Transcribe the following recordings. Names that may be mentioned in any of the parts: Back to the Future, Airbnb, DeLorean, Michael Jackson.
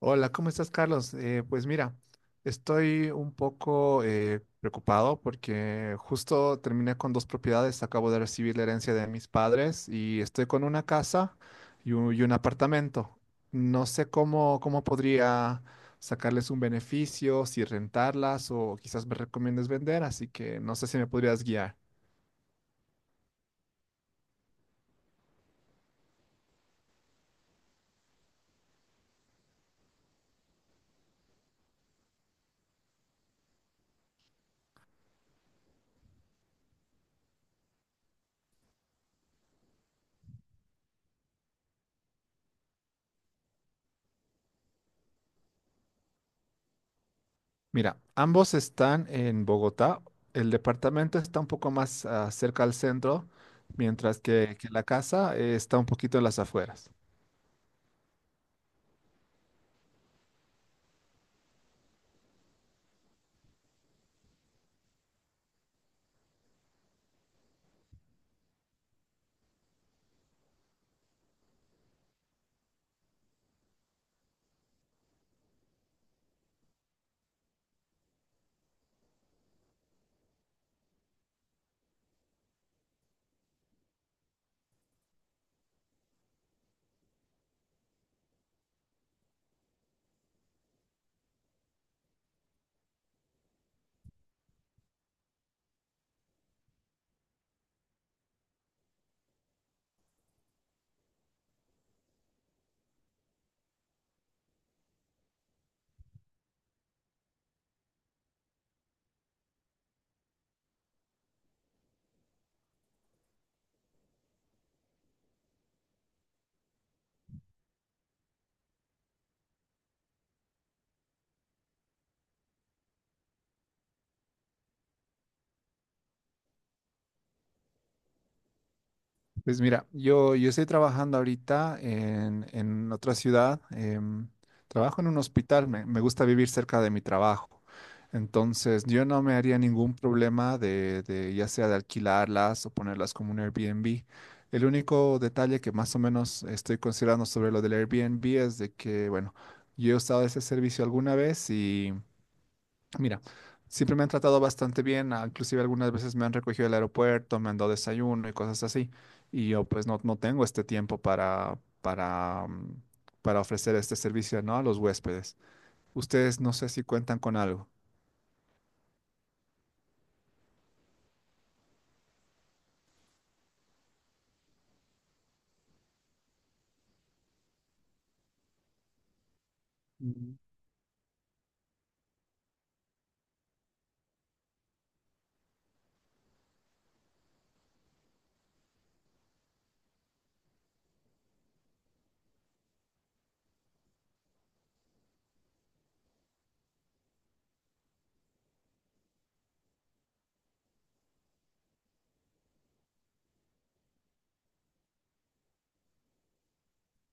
Hola, ¿cómo estás, Carlos? Pues mira, estoy un poco preocupado porque justo terminé con dos propiedades, acabo de recibir la herencia de mis padres y estoy con una casa y un apartamento. No sé cómo podría sacarles un beneficio, si rentarlas o quizás me recomiendes vender, así que no sé si me podrías guiar. Mira, ambos están en Bogotá. El departamento está un poco más cerca al centro, mientras que la casa está un poquito en las afueras. Pues mira, yo estoy trabajando ahorita en otra ciudad. Trabajo en un hospital, me gusta vivir cerca de mi trabajo. Entonces, yo no me haría ningún problema de ya sea de alquilarlas o ponerlas como un Airbnb. El único detalle que más o menos estoy considerando sobre lo del Airbnb es de que, bueno, yo he usado ese servicio alguna vez. Mira, siempre me han tratado bastante bien, inclusive algunas veces me han recogido del aeropuerto, me han dado desayuno y cosas así. Y yo pues no, no tengo este tiempo para, para, para ofrecer este servicio, ¿no? A los huéspedes. Ustedes no sé si cuentan con algo. Mm.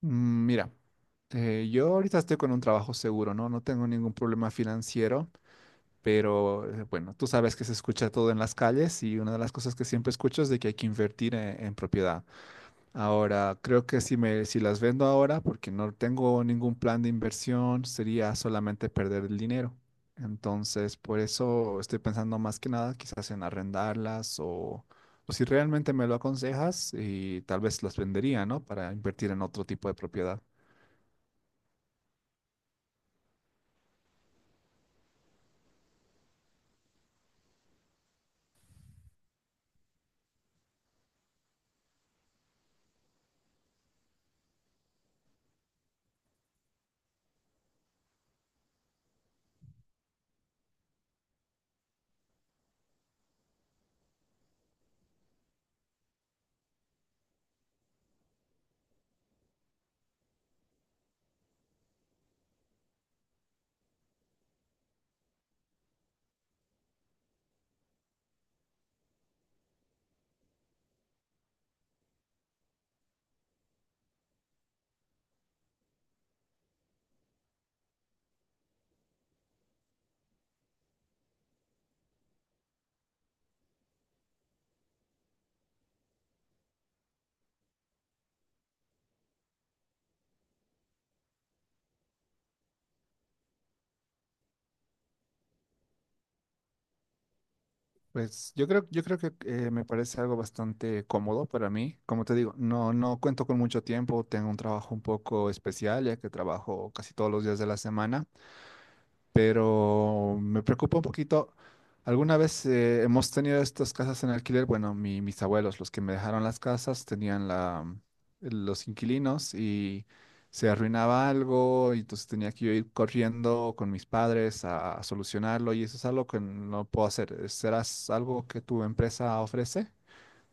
Mira, yo ahorita estoy con un trabajo seguro, ¿no? No tengo ningún problema financiero, pero bueno, tú sabes que se escucha todo en las calles y una de las cosas que siempre escucho es de que hay que invertir en propiedad. Ahora, creo que si me, si las vendo ahora, porque no tengo ningún plan de inversión, sería solamente perder el dinero. Entonces, por eso estoy pensando más que nada quizás en arrendarlas o si realmente me lo aconsejas y tal vez las vendería, ¿no? Para invertir en otro tipo de propiedad. Pues yo creo que me parece algo bastante cómodo para mí. Como te digo, no, no cuento con mucho tiempo, tengo un trabajo un poco especial, ya que trabajo casi todos los días de la semana. Pero me preocupa un poquito. Alguna vez hemos tenido estas casas en alquiler. Bueno, mis abuelos, los que me dejaron las casas, tenían la, los inquilinos y se arruinaba algo y entonces tenía que yo ir corriendo con mis padres a solucionarlo y eso es algo que no puedo hacer. ¿Serás algo que tu empresa ofrece?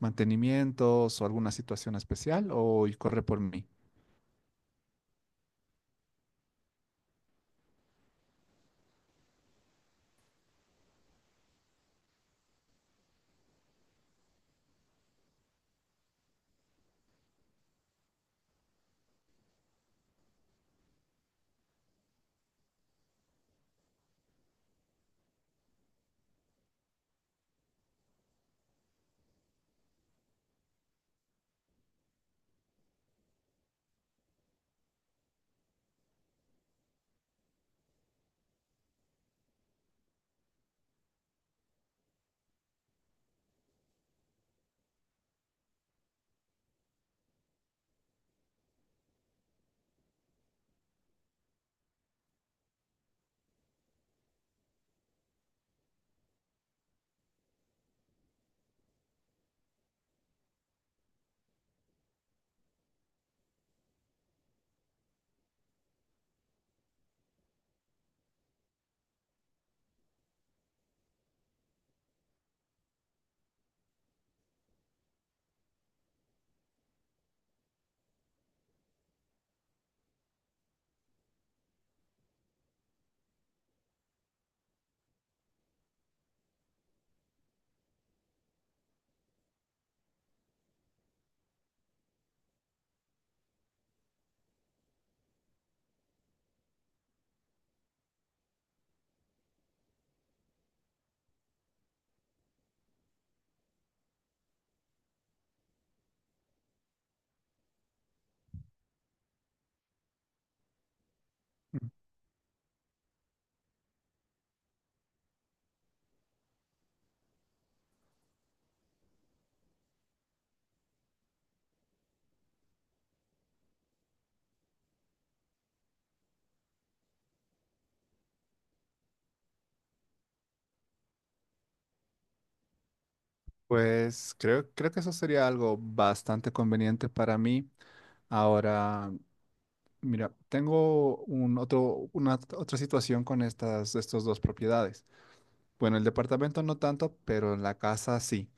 ¿Mantenimientos o alguna situación especial o y corre por mí? Mm. Pues creo que eso sería algo bastante conveniente para mí. Ahora, mira, tengo un otro, una otra situación con estas, estos dos propiedades. Bueno, el departamento no tanto, pero la casa sí,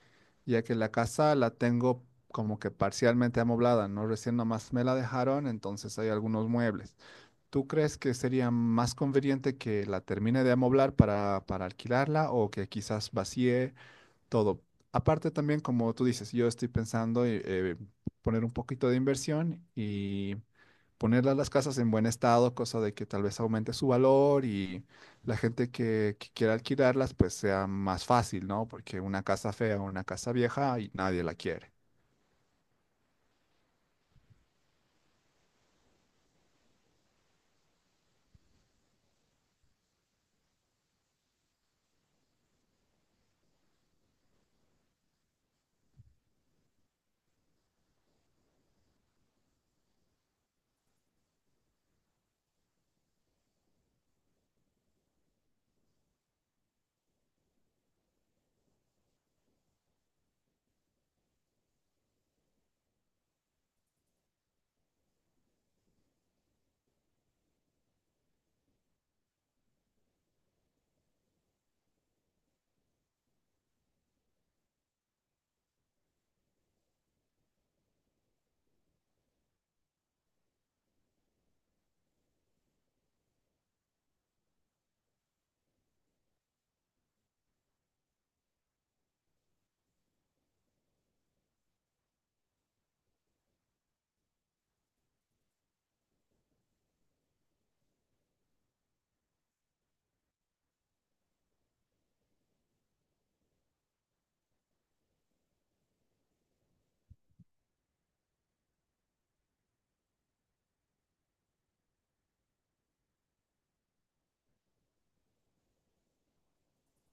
ya que la casa la tengo como que parcialmente amoblada, ¿no? Recién nomás me la dejaron, entonces hay algunos muebles. ¿Tú crees que sería más conveniente que la termine de amoblar para alquilarla o que quizás vacíe todo? Aparte también, como tú dices, yo estoy pensando poner un poquito de inversión y ponerlas las casas en buen estado, cosa de que tal vez aumente su valor y la gente que quiera alquilarlas, pues sea más fácil, ¿no? Porque una casa fea, una casa vieja y nadie la quiere.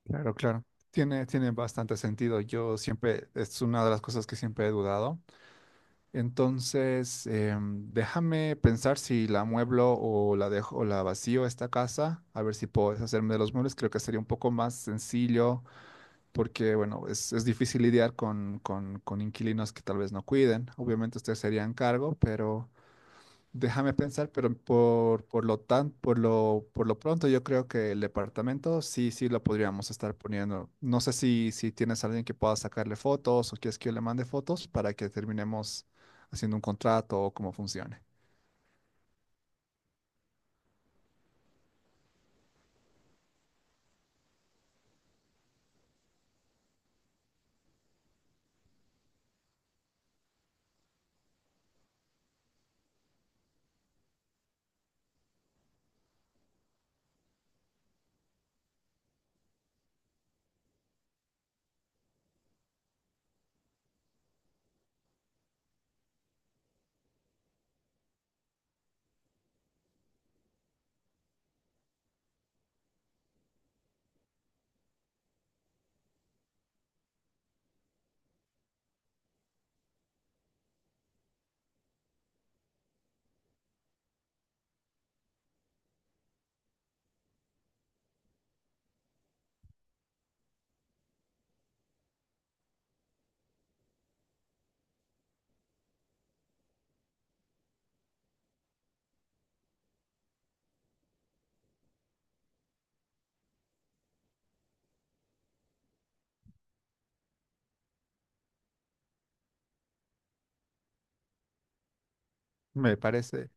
Claro, claro. Tiene bastante sentido. Yo siempre, es una de las cosas que siempre he dudado. Entonces, déjame pensar si la mueblo o la dejo o la vacío esta casa, a ver si puedo deshacerme de los muebles. Creo que sería un poco más sencillo porque, bueno, es difícil lidiar con, con inquilinos que tal vez no cuiden. Obviamente ustedes se harían cargo, pero déjame pensar, pero por lo tan, por lo pronto yo creo que el departamento sí, sí lo podríamos estar poniendo. No sé si, si tienes a alguien que pueda sacarle fotos o quieres que yo le mande fotos para que terminemos haciendo un contrato o cómo funcione. Me parece.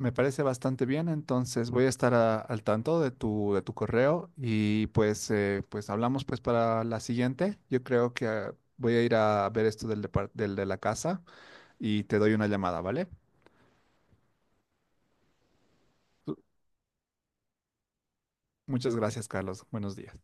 Me parece bastante bien, entonces voy a estar al tanto de tu correo y pues, pues hablamos pues para la siguiente. Yo creo que voy a ir a ver esto del, del de la casa y te doy una llamada, ¿vale? Muchas gracias, Carlos. Buenos días.